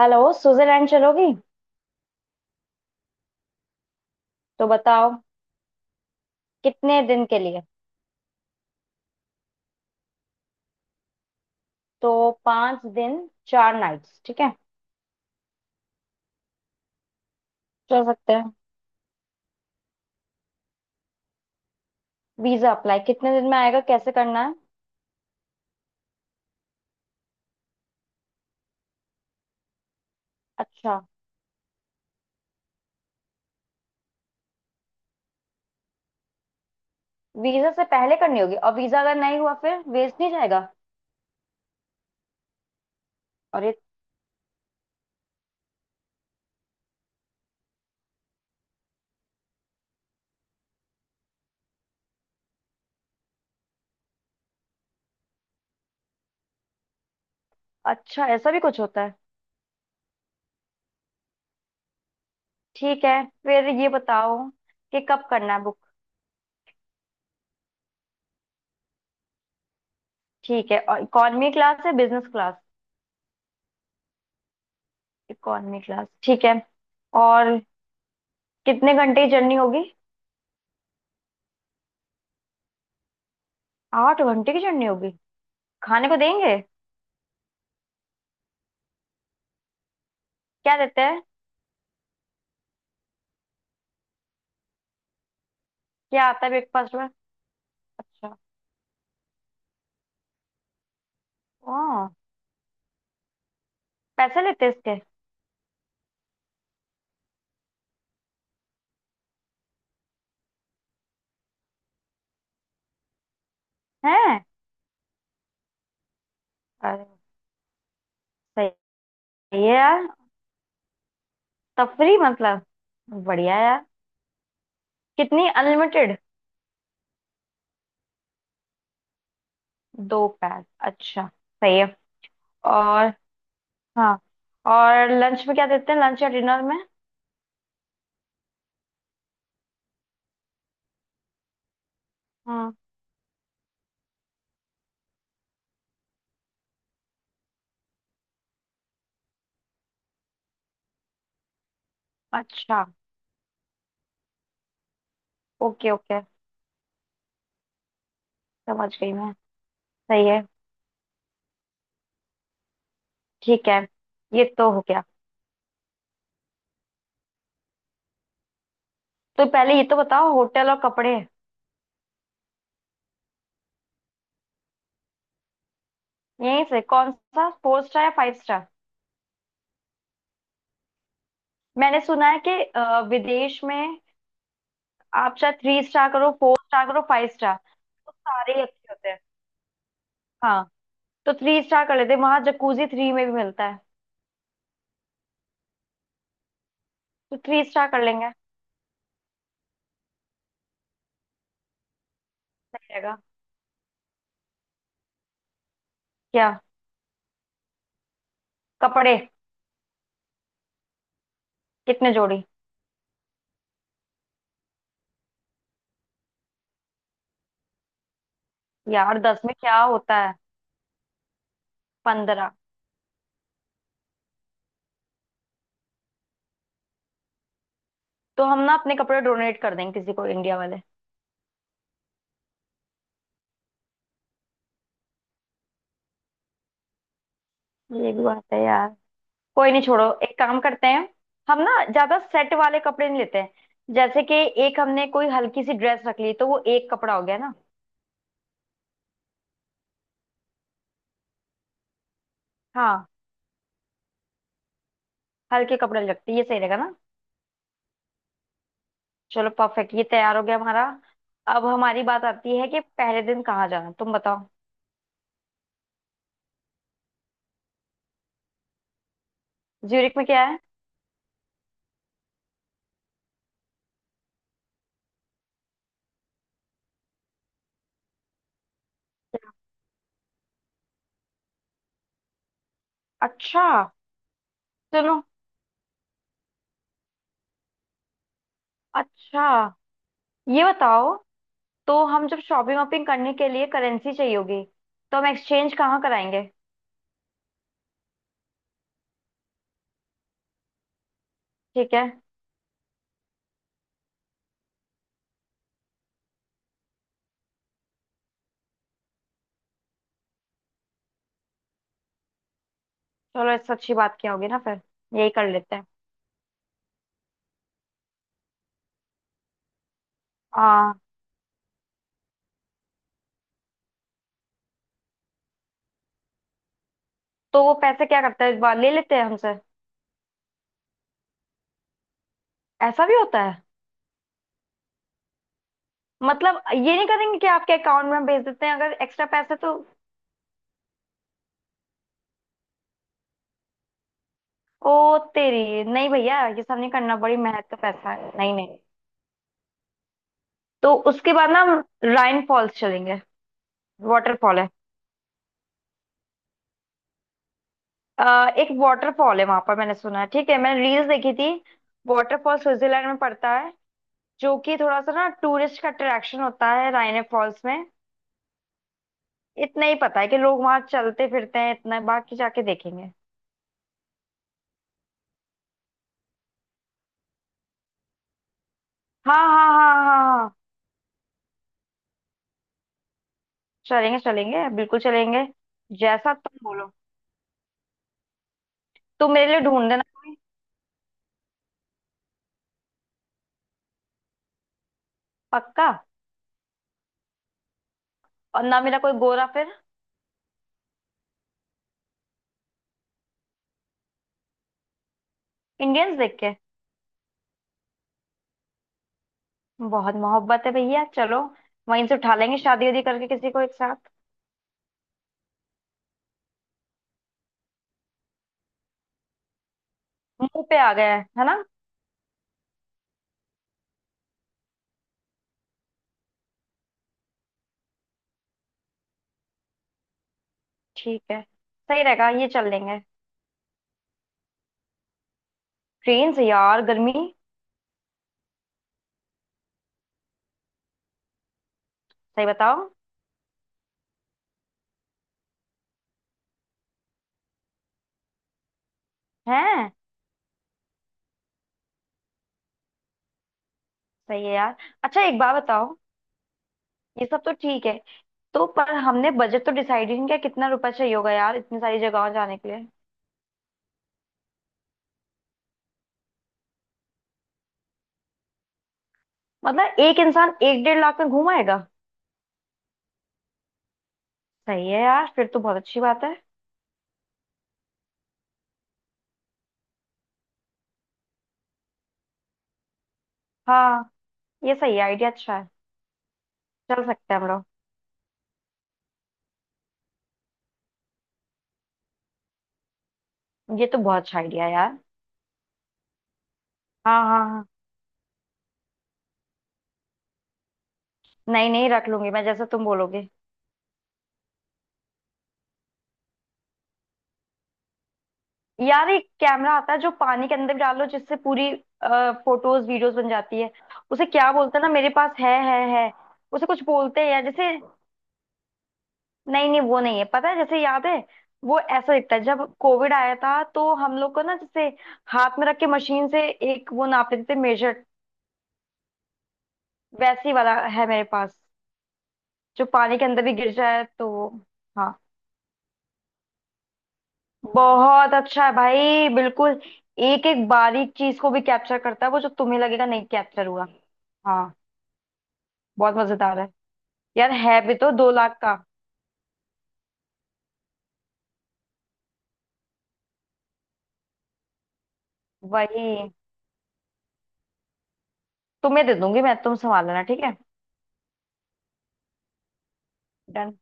Hello Switzerland चलोगी। तो बताओ, कितने दिन के लिए। तो पाँच दिन चार नाइट्स ठीक है, चल सकते हैं। वीजा अप्लाई कितने दिन में आएगा, कैसे करना है। अच्छा। वीजा से पहले करनी होगी, और वीजा अगर नहीं हुआ फिर वेस्ट नहीं जाएगा। और ये अच्छा, ऐसा भी कुछ होता है। ठीक है, फिर ये बताओ कि कब करना है बुक। ठीक है, और इकॉनमी क्लास है बिजनेस क्लास। इकॉनमी क्लास ठीक है। और कितने घंटे की जर्नी होगी। आठ घंटे की जर्नी होगी। खाने को देंगे। क्या देते हैं। क्या आता है ब्रेकफास्ट में। अच्छा। ओ, पैसे लेते हैं इसके। हैं। अरे, सही है यार। तफरी मतलब, बढ़िया यार। कितनी, अनलिमिटेड। दो पैक, अच्छा सही है। और। हाँ, और लंच में क्या देते हैं, लंच या डिनर में। हम्म। अच्छा, ओके ओके, समझ गई मैं। सही है। ठीक है, ये तो हो गया। तो पहले ये तो बताओ, होटल और कपड़े। यहीं से कौन सा, फोर स्टार या फाइव स्टार। मैंने सुना है कि विदेश में आप चाहे थ्री स्टार करो फोर स्टार करो फाइव स्टार, तो सारे ही अच्छे होते हैं। हाँ, तो थ्री स्टार कर लेते हैं, वहां जकूजी थ्री में भी मिलता है। तो थ्री स्टार कर लेंगे। सही रहेगा। क्या। कपड़े। कितने जोड़ी। यार दस में क्या होता है। पंद्रह। तो हम ना अपने कपड़े डोनेट कर देंगे किसी को इंडिया वाले। ये भी बात है यार। कोई नहीं छोड़ो, एक काम करते हैं। हम ना ज्यादा सेट वाले कपड़े नहीं लेते हैं, जैसे कि एक हमने कोई हल्की सी ड्रेस रख ली, तो वो एक कपड़ा हो गया ना। हाँ, हल्के कपड़े लगते ये सही रहेगा ना। चलो परफेक्ट, ये तैयार हो गया हमारा। अब हमारी बात आती है कि पहले दिन कहाँ जाना, तुम बताओ। ज्यूरिख में क्या है। अच्छा। सुनो। अच्छा, ये बताओ, तो हम जब शॉपिंग वॉपिंग करने के लिए करेंसी चाहिए होगी, तो हम एक्सचेंज कहाँ कराएंगे। ठीक है। चलो इससे अच्छी बात क्या होगी ना फिर। यही कर लेते हैं। हाँ, तो वो पैसे क्या करते हैं, इस बार ले लेते हैं हमसे। ऐसा भी होता है। मतलब ये नहीं करेंगे कि आपके अकाउंट में हम भेज देते हैं अगर एक्स्ट्रा पैसे तो। ओ तेरी, नहीं भैया, ये सब नहीं करना, बड़ी मेहनत का पैसा है, नहीं नहीं। तो उसके बाद ना हम राइन फॉल्स चलेंगे। वाटरफॉल है। अ, एक वाटरफॉल है वहां पर, मैंने सुना है, ठीक है, मैंने रील्स देखी थी। वाटरफॉल स्विट्जरलैंड में पड़ता है, जो कि थोड़ा सा ना टूरिस्ट का अट्रैक्शन होता है, राइन फॉल्स में। इतना ही पता है कि लोग वहां चलते फिरते हैं, इतना, बाकी जाके देखेंगे। हाँ हाँ हाँ हाँ हाँ, चलेंगे चलेंगे बिल्कुल चलेंगे। जैसा तुम बोलो। तुम मेरे लिए ढूंढ देना कोई। पक्का। और ना मेरा कोई गोरा फिर, इंडियंस देख के। बहुत मोहब्बत है भैया, चलो वहीं से उठा लेंगे शादी उदी करके किसी को, एक साथ। मुंह पे आ गया है ना। ठीक है सही रहेगा, ये चल लेंगे। ट्रेन से यार गर्मी। सही बताओ। है। सही है यार। अच्छा एक बात बताओ, ये सब तो ठीक है, तो पर हमने बजट तो डिसाइड ही नहीं किया, कितना रुपया चाहिए होगा यार इतनी सारी जगहों जाने के लिए। मतलब एक इंसान एक डेढ़ लाख में घूम आएगा। सही है यार, फिर तो बहुत अच्छी बात है। हाँ, ये सही है, आइडिया अच्छा है। चल सकते हैं हम लोग। ये तो बहुत अच्छा आइडिया है यार। हाँ हाँ हाँ, नहीं नहीं, रख लूंगी मैं जैसा तुम बोलोगे। यार एक कैमरा आता है जो पानी के अंदर भी डालो, जिससे पूरी फोटोज वीडियोस बन जाती है। उसे क्या बोलते हैं ना, मेरे पास है, है है। उसे कुछ बोलते हैं यार, जैसे, नहीं नहीं वो नहीं है, पता है जैसे याद है, वो ऐसा दिखता है, जब कोविड आया था तो हम लोग को ना जैसे हाथ में रख के मशीन से एक वो नाप लेते थे, मेजर। वैसी वाला है मेरे पास, जो पानी के अंदर भी गिर जाए तो वो-। हाँ, बहुत अच्छा है भाई, बिल्कुल। एक एक बारीक चीज को भी कैप्चर करता है वो, जो तुम्हें लगेगा नहीं कैप्चर हुआ। हाँ, बहुत मजेदार है। यार है भी तो दो लाख का। वही तुम्हें दे दूंगी मैं, तुम संभाल लेना, ठीक है। डन।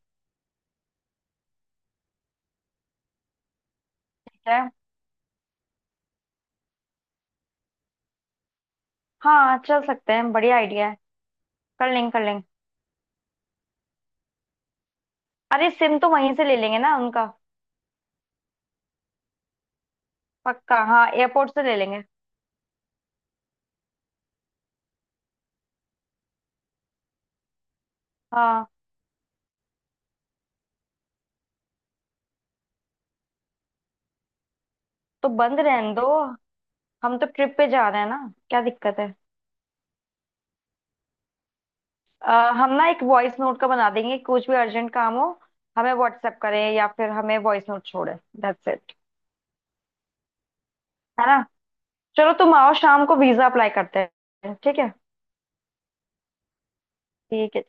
ठीक है। हाँ चल सकते हैं, बढ़िया आइडिया है। कर लेंगे कर लेंगे। अरे सिम तो वहीं से ले लेंगे ना उनका। पक्का हाँ, एयरपोर्ट से ले लेंगे। हाँ, तो बंद रहने दो, हम तो ट्रिप पे जा रहे हैं ना, क्या दिक्कत है। अ, हम ना एक वॉइस नोट का बना देंगे, कुछ भी अर्जेंट काम हो हमें व्हाट्सएप करें या फिर हमें वॉइस नोट छोड़े। That's it. है ना, चलो तुम आओ शाम को वीजा अप्लाई करते हैं, ठीक है। ठीक है।